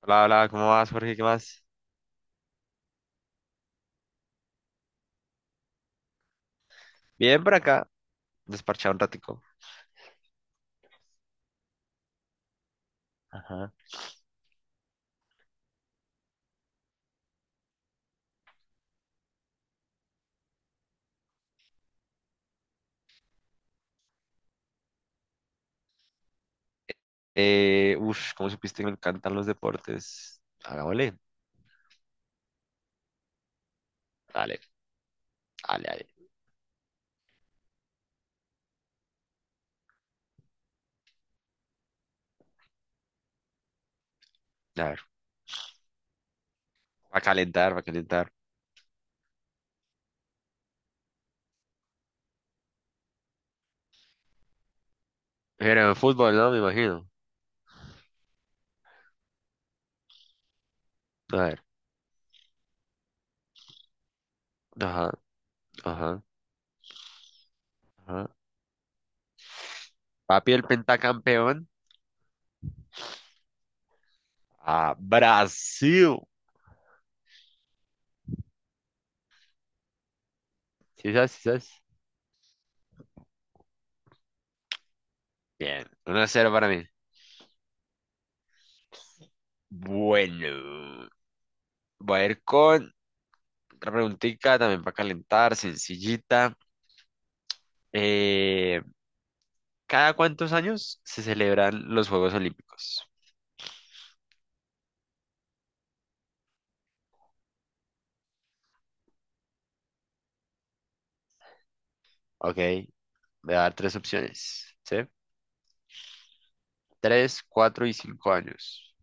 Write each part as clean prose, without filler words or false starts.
Hola, hola, ¿cómo vas, Jorge? ¿Qué más? Bien por acá, desparchado un ratico. Ajá. Uf, ¿cómo supiste que me encantan los deportes? Hagámosle. Dale, dale, dale. A ver, va a calentar, va a calentar. Pero en fútbol, ¿no? Me imagino. A ver, ajá, ajá, ajá. Papi, el pentacampeón. Ah, Brasil. ¿Sí sabes? ¿Sí sabes? Bien, 1-0 para mí. Bueno, voy a ir con otra preguntica también para calentar, sencillita. Eh, ¿Cada cuántos años se celebran los Juegos Olímpicos? Ok, voy a dar tres opciones, ¿sí? 3, 4 y 5 años.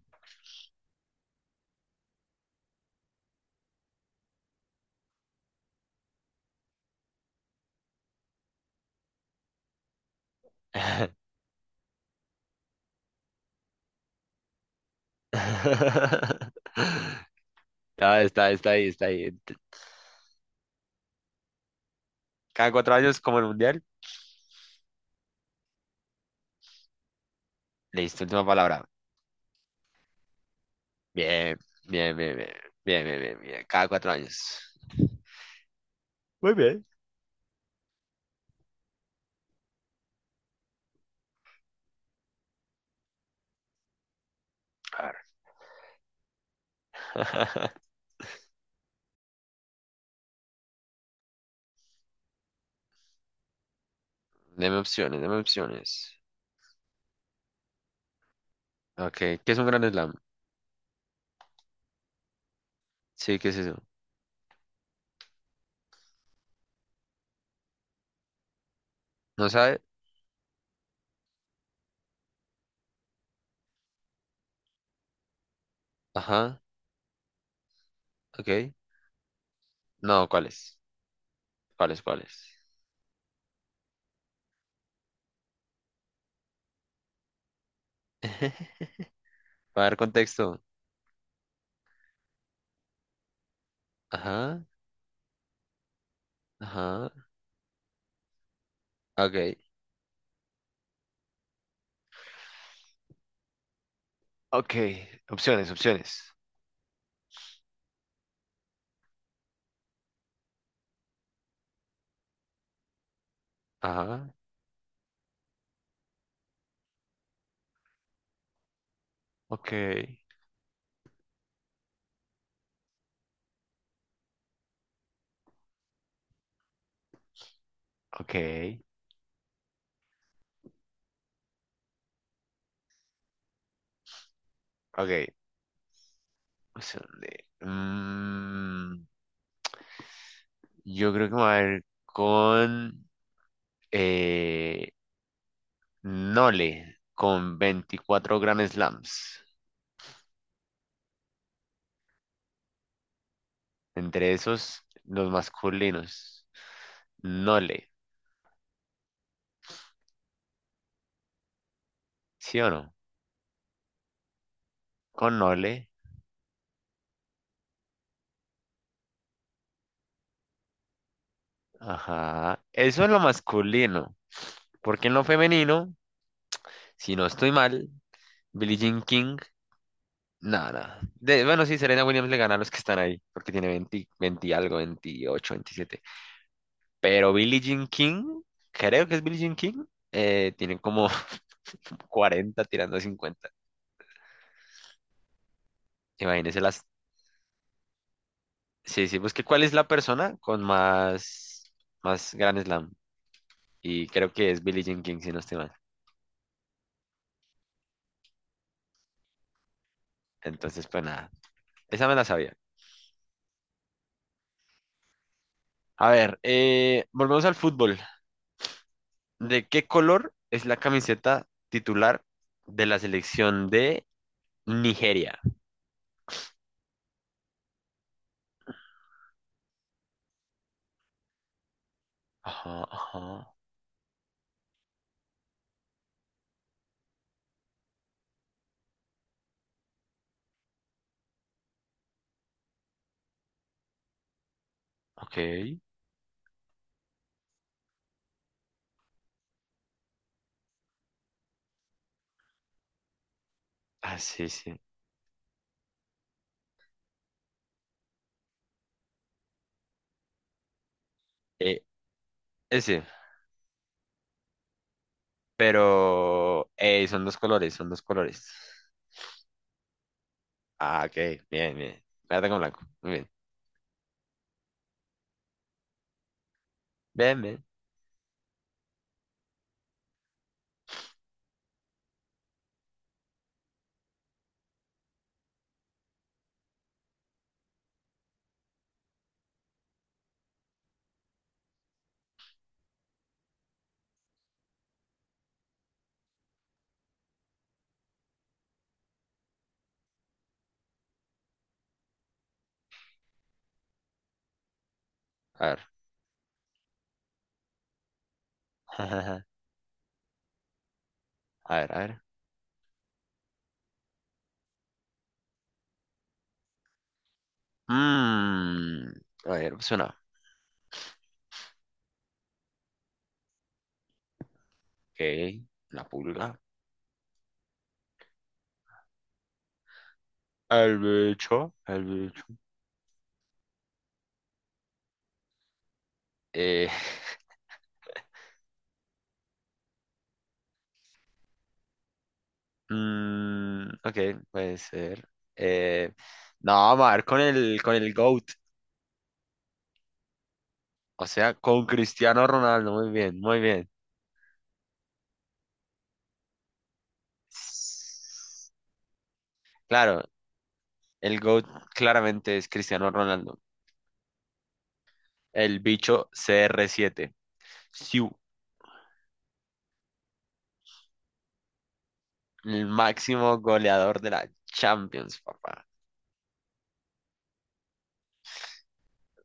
Está ahí, está ahí. Cada 4 años como el mundial. Listo, última palabra. Bien, bien, bien, bien, bien, bien, bien, bien. Cada cuatro años. Muy bien. A ver. Deme opciones, deme opciones. Ok, ¿qué es un gran slam? Sí, ¿qué es eso? ¿No sabe? Ajá, ok. No, ¿cuál es? ¿Cuál es, cuál es? Para dar contexto. Ajá, ajá, ok, Ok, opciones, opciones. Ajá, ok, Ok, ok. Opción de- mm, yo creo que me voy a ir con eh, Nole, con 24 Grand Slams. Entre esos, los masculinos. Nole, ¿sí o no? Con Nole. Ajá. Eso es lo masculino. Porque en lo femenino, si no estoy mal, Billie Jean King, nada. De, bueno, sí, Serena Williams le gana a los que están ahí, porque tiene 20, 20 y algo, 28, 27. Pero Billie Jean King, creo que es Billie Jean King, tiene como 40 tirando a 50. Imagínense las... Sí, sí, busqué cuál es la persona con más, más Grand Slam. Y creo que es Billie Jean King, si no estoy mal. Entonces, pues nada, esa me la sabía. A ver, volvemos al fútbol. ¿De qué color es la camiseta titular de la selección de Nigeria? Ajá, ajá. Ok. Ah, sí, sí. Eh, ese. Pero son dos colores, son dos colores. Ah, ok. Bien, bien. Verde con blanco. Muy bien. Bien, bien. A ver. A ver, a ver. Mm, a ver, pues una. Ok. Una pulga. El bicho. El bicho. Eh, mm, ok, puede ser. Eh, no, vamos a ver con el GOAT. O sea, con Cristiano Ronaldo, muy bien, muy bien. Claro, el GOAT claramente es Cristiano Ronaldo, el bicho CR7. Siu, el máximo goleador de la Champions, papá.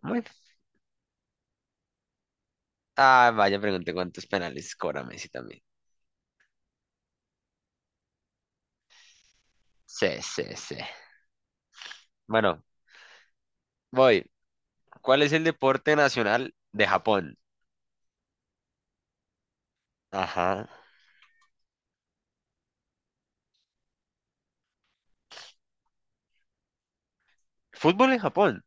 Bueno. Ah, vaya, pregunté cuántos penales cobra Messi también. Sí, sí, sí. Bueno, voy. ¿Cuál es el deporte nacional de Japón? Ajá. Fútbol en Japón.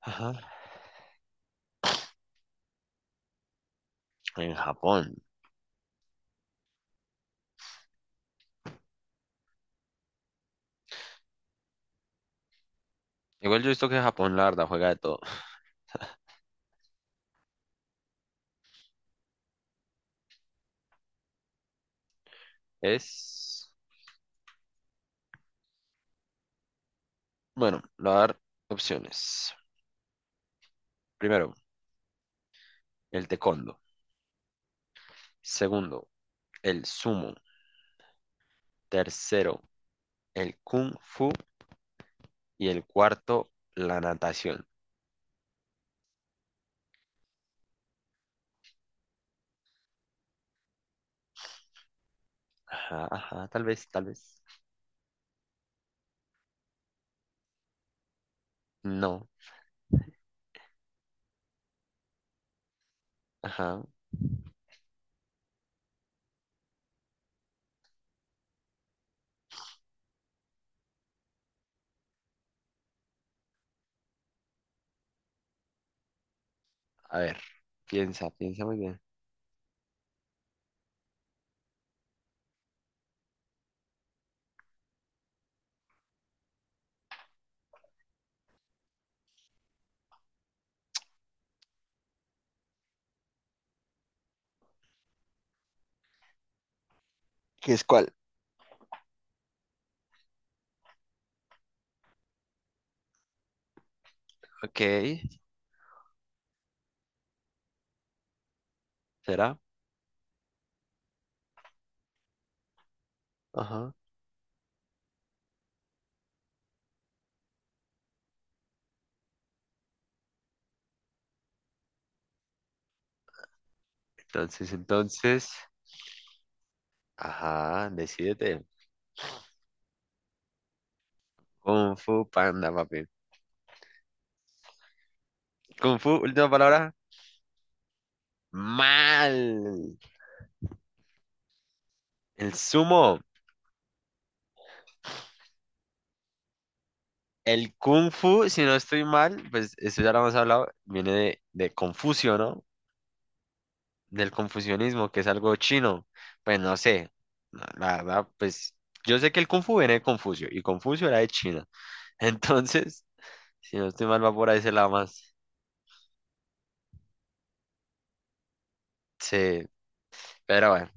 Ajá. En Japón. Igual yo he visto que Japón, la verdad, juega de todo. Es. Bueno, le voy a dar opciones. Primero, el taekwondo. Segundo, el sumo. Tercero, el kung fu. Y el cuarto, la natación. Ajá, ajá, tal vez, tal vez. No, ajá. A ver, piensa, piensa muy bien. ¿Qué es cuál? Ok, será. Ajá. Entonces, ajá, decídete. Kung Fu Panda, papi. Kung Fu, última palabra. Mal. El sumo. El Kung Fu, si no estoy mal, pues esto ya lo hemos hablado, viene de Confucio, ¿no? Del confucianismo, que es algo chino. Pues no sé, la verdad, pues yo sé que el Kung Fu viene de Confucio y Confucio era de China. Entonces, si no estoy mal, va por ahí ese lado más. Sí, pero bueno,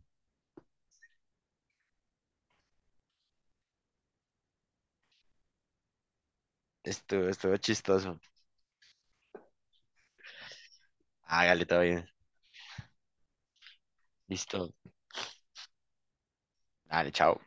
estuvo, estuvo chistoso. Hágale, todo bien. Listo. Dale, chao.